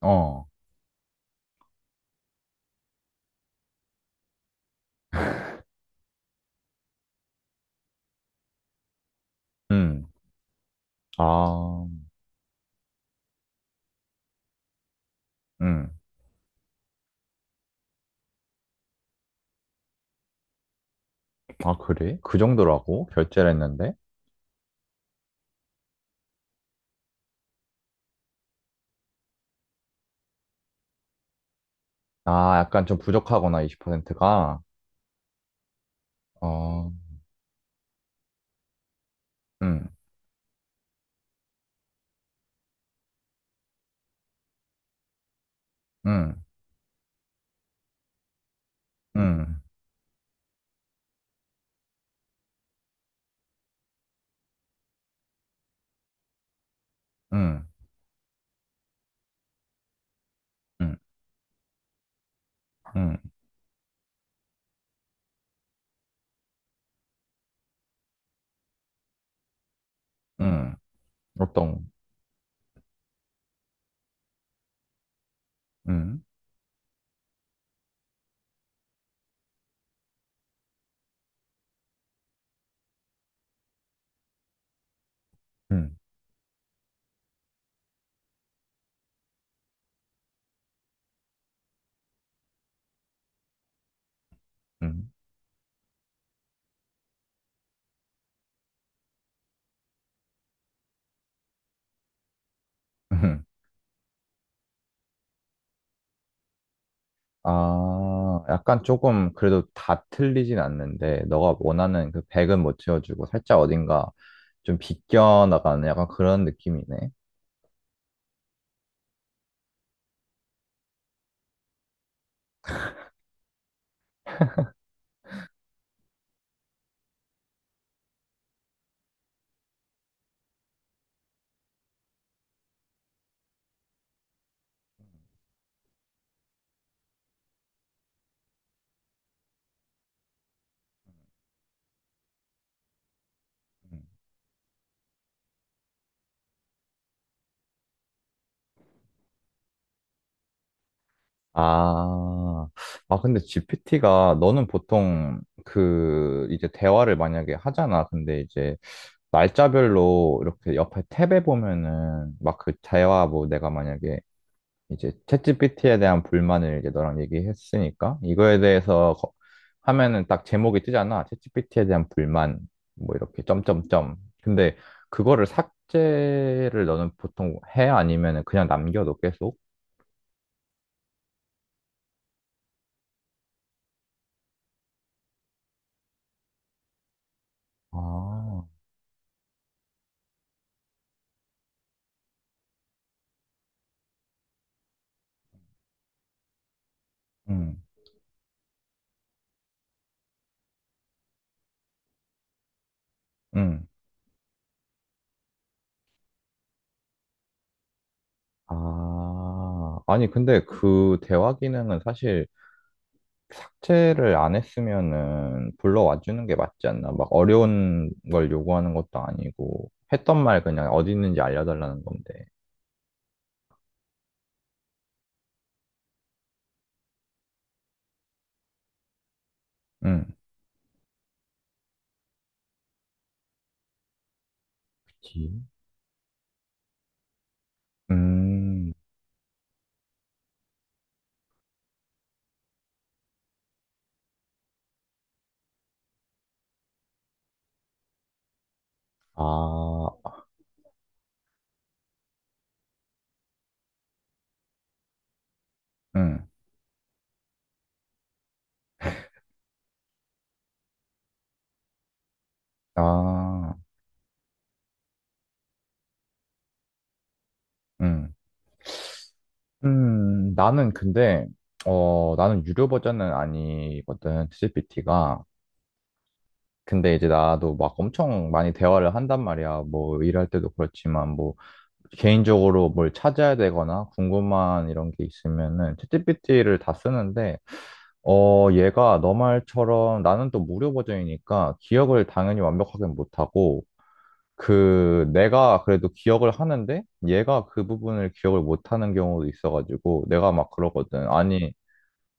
어, 음. 아, 음, 아, 그래? 그 정도라고? 결제를 했는데? 아, 약간 좀 부족하구나, 20%가. 어, 음, 음, 음, 음, 음, 음, 음, 어떤, 음, 음, 음. 아, 약간 조금 그래도 다 틀리진 않는데, 너가 원하는 그 100은 못 채워주고, 살짝 어딘가 좀 비껴나가는 약간 그런 느낌이네. 아, 아, 근데 GPT가 너는 보통 그 이제 대화를 만약에 하잖아. 근데 이제 날짜별로 이렇게 옆에 탭에 보면은 막 그 대화 뭐 내가 만약에 이제 챗GPT에 대한 불만을 이제 너랑 얘기했으니까 이거에 대해서 하면은 딱 제목이 뜨잖아. 챗GPT에 대한 불만 뭐 이렇게 점점점. 근데 그거를 삭제를 너는 보통 해? 아니면은 그냥 남겨도 계속? 아, 응, 응. 아, 아니, 근데 그 대화 기능은 사실 채를 안 했으면은 불러와 주는 게 맞지 않나? 막 어려운 걸 요구하는 것도 아니고, 했던 말 그냥 어디 있는지 알려달라는 건데. 응, 그 음, 아, 응, 아, 응. 나는 근데, 어, 나는 유료 버전은 아니거든, GPT가. 근데 이제 나도 막 엄청 많이 대화를 한단 말이야. 뭐, 일할 때도 그렇지만, 뭐, 개인적으로 뭘 찾아야 되거나 궁금한 이런 게 있으면은 챗GPT를 다 쓰는데 어, 얘가 너 말처럼 나는 또 무료 버전이니까 기억을 당연히 완벽하게 못하고 그 내가 그래도 기억을 하는데 얘가 그 부분을 기억을 못하는 경우도 있어가지고 내가 막 그러거든. 아니,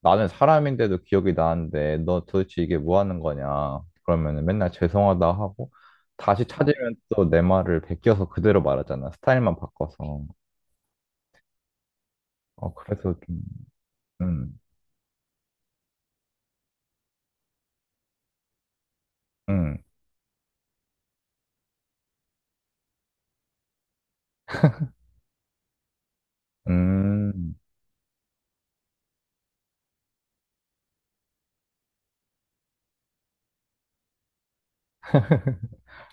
나는 사람인데도 기억이 나는데 너 도대체 이게 뭐 하는 거냐. 그러면은 맨날 죄송하다 하고 다시 찾으면 또 내 말을 베껴서 그대로 말하잖아. 스타일만 바꿔서. 어, 그래서 좀, 음, 음, 음,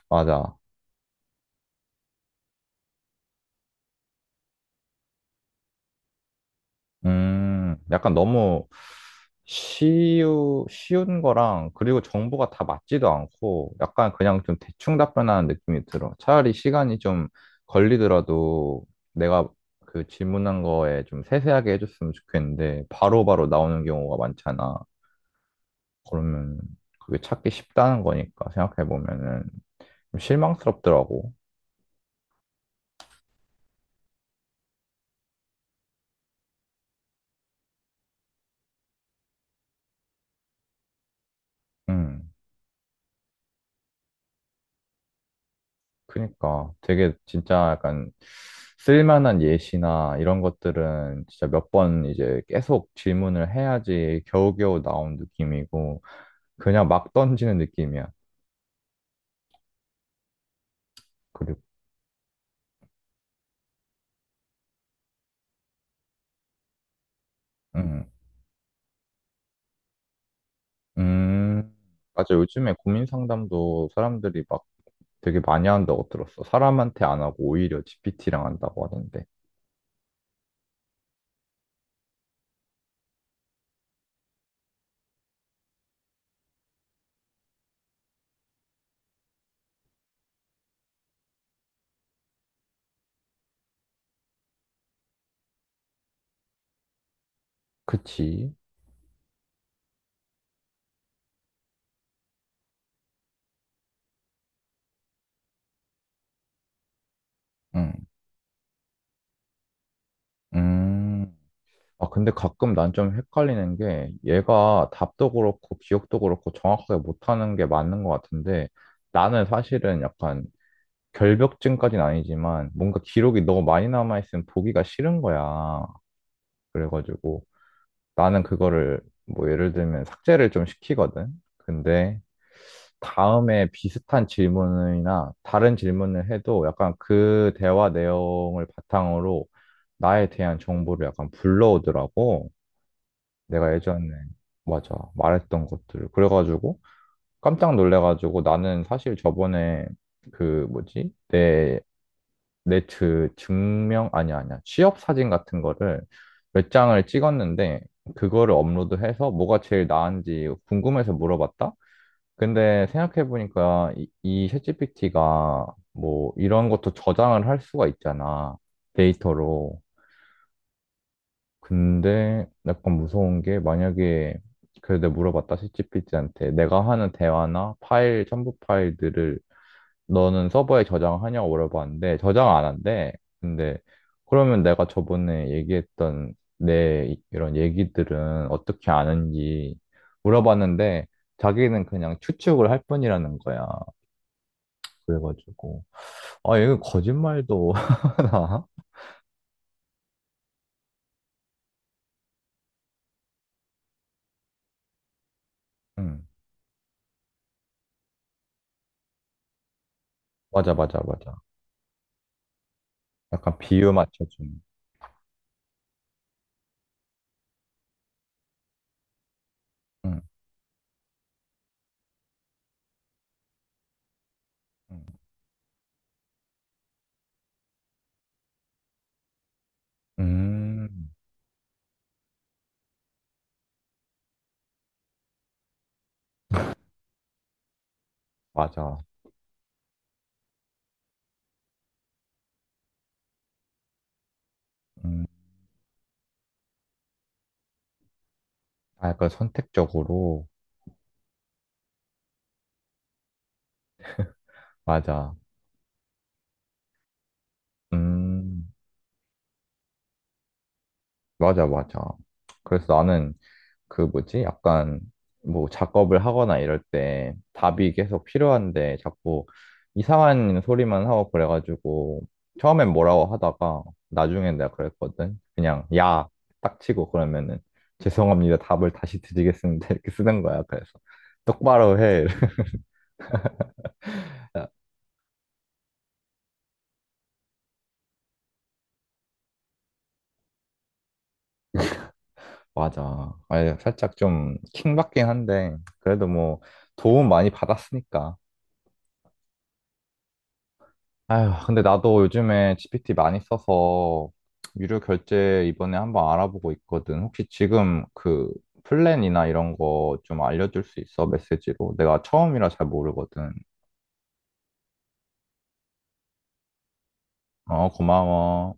맞아. 약간 너무 쉬운 거랑, 그리고 정보가 다 맞지도 않고, 약간 그냥 좀 대충 답변하는 느낌이 들어. 차라리 시간이 좀 걸리더라도, 내가 그 질문한 거에 좀 세세하게 해줬으면 좋겠는데, 바로바로 나오는 경우가 많잖아. 그러면, 그게 찾기 쉽다는 거니까, 생각해보면은, 좀 실망스럽더라고. 음. 그니까 되게 진짜 약간 쓸만한 예시나 이런 것들은 진짜 몇 번 이제 계속 질문을 해야지 겨우겨우 나온 느낌이고 그냥 막 던지는 느낌이야. 그리고 음, 음 맞아 요즘에 고민 상담도 사람들이 막 되게 많이 한다고 들었어. 사람한테 안 하고 오히려 GPT랑 한다고 하던데. 그치? 응, 음. 아, 근데 가끔 난 좀 헷갈리는 게 얘가 답도 그렇고 기억도 그렇고 정확하게 못하는 게 맞는 것 같은데 나는 사실은 약간 결벽증까지는 아니지만 뭔가 기록이 너무 많이 남아있으면 보기가 싫은 거야. 그래가지고 나는 그거를 뭐 예를 들면 삭제를 좀 시키거든. 근데 다음에 비슷한 질문이나 다른 질문을 해도 약간 그 대화 내용을 바탕으로 나에 대한 정보를 약간 불러오더라고. 내가 예전에 맞아 말했던 것들 그래가지고 깜짝 놀래가지고 나는 사실 저번에 그 뭐지 내 네트 증명 아니 아니야 아니야. 취업 사진 같은 거를 몇 장을 찍었는데 그거를 업로드해서 뭐가 제일 나은지 궁금해서 물어봤다 근데 생각해보니까 이 챗GPT가 뭐 이런 것도 저장을 할 수가 있잖아 데이터로 근데 약간 무서운 게 만약에 그래도 내가 물어봤다 챗GPT한테 내가 하는 대화나 파일 첨부 파일들을 너는 서버에 저장하냐고 물어봤는데 저장 안 한대. 근데 그러면 내가 저번에 얘기했던 내 이런 얘기들은 어떻게 아는지 물어봤는데 자기는 그냥 추측을 할 뿐이라는 거야. 그래가지고 아 얘가 거짓말도 하나? 응 맞아 맞아 맞아. 약간 비유 맞춰주는. 응. 응. 음, 맞아. 음, 아, 약간 선택적으로. 맞아. 음, 맞아, 맞아. 그래서 나는 그 뭐지? 약간 뭐 작업을 하거나 이럴 때 답이 계속 필요한데 자꾸 이상한 소리만 하고 그래가지고 처음엔 뭐라고 하다가 나중에 내가 그랬거든. 그냥 야, 딱 치고 그러면은 죄송합니다. 답을 다시 드리겠습니다. 이렇게 쓰는 거야. 그래서 똑바로 해. 맞아. 아 살짝 좀 킹받긴 한데, 그래도 뭐 도움 많이 받았으니까. 아휴, 근데 나도 요즘에 GPT 많이 써서 유료 결제 이번에 한번 알아보고 있거든. 혹시 지금 그 플랜이나 이런 거 좀 알려줄 수 있어? 메시지로? 내가 처음이라 잘 모르거든. 어, 고마워.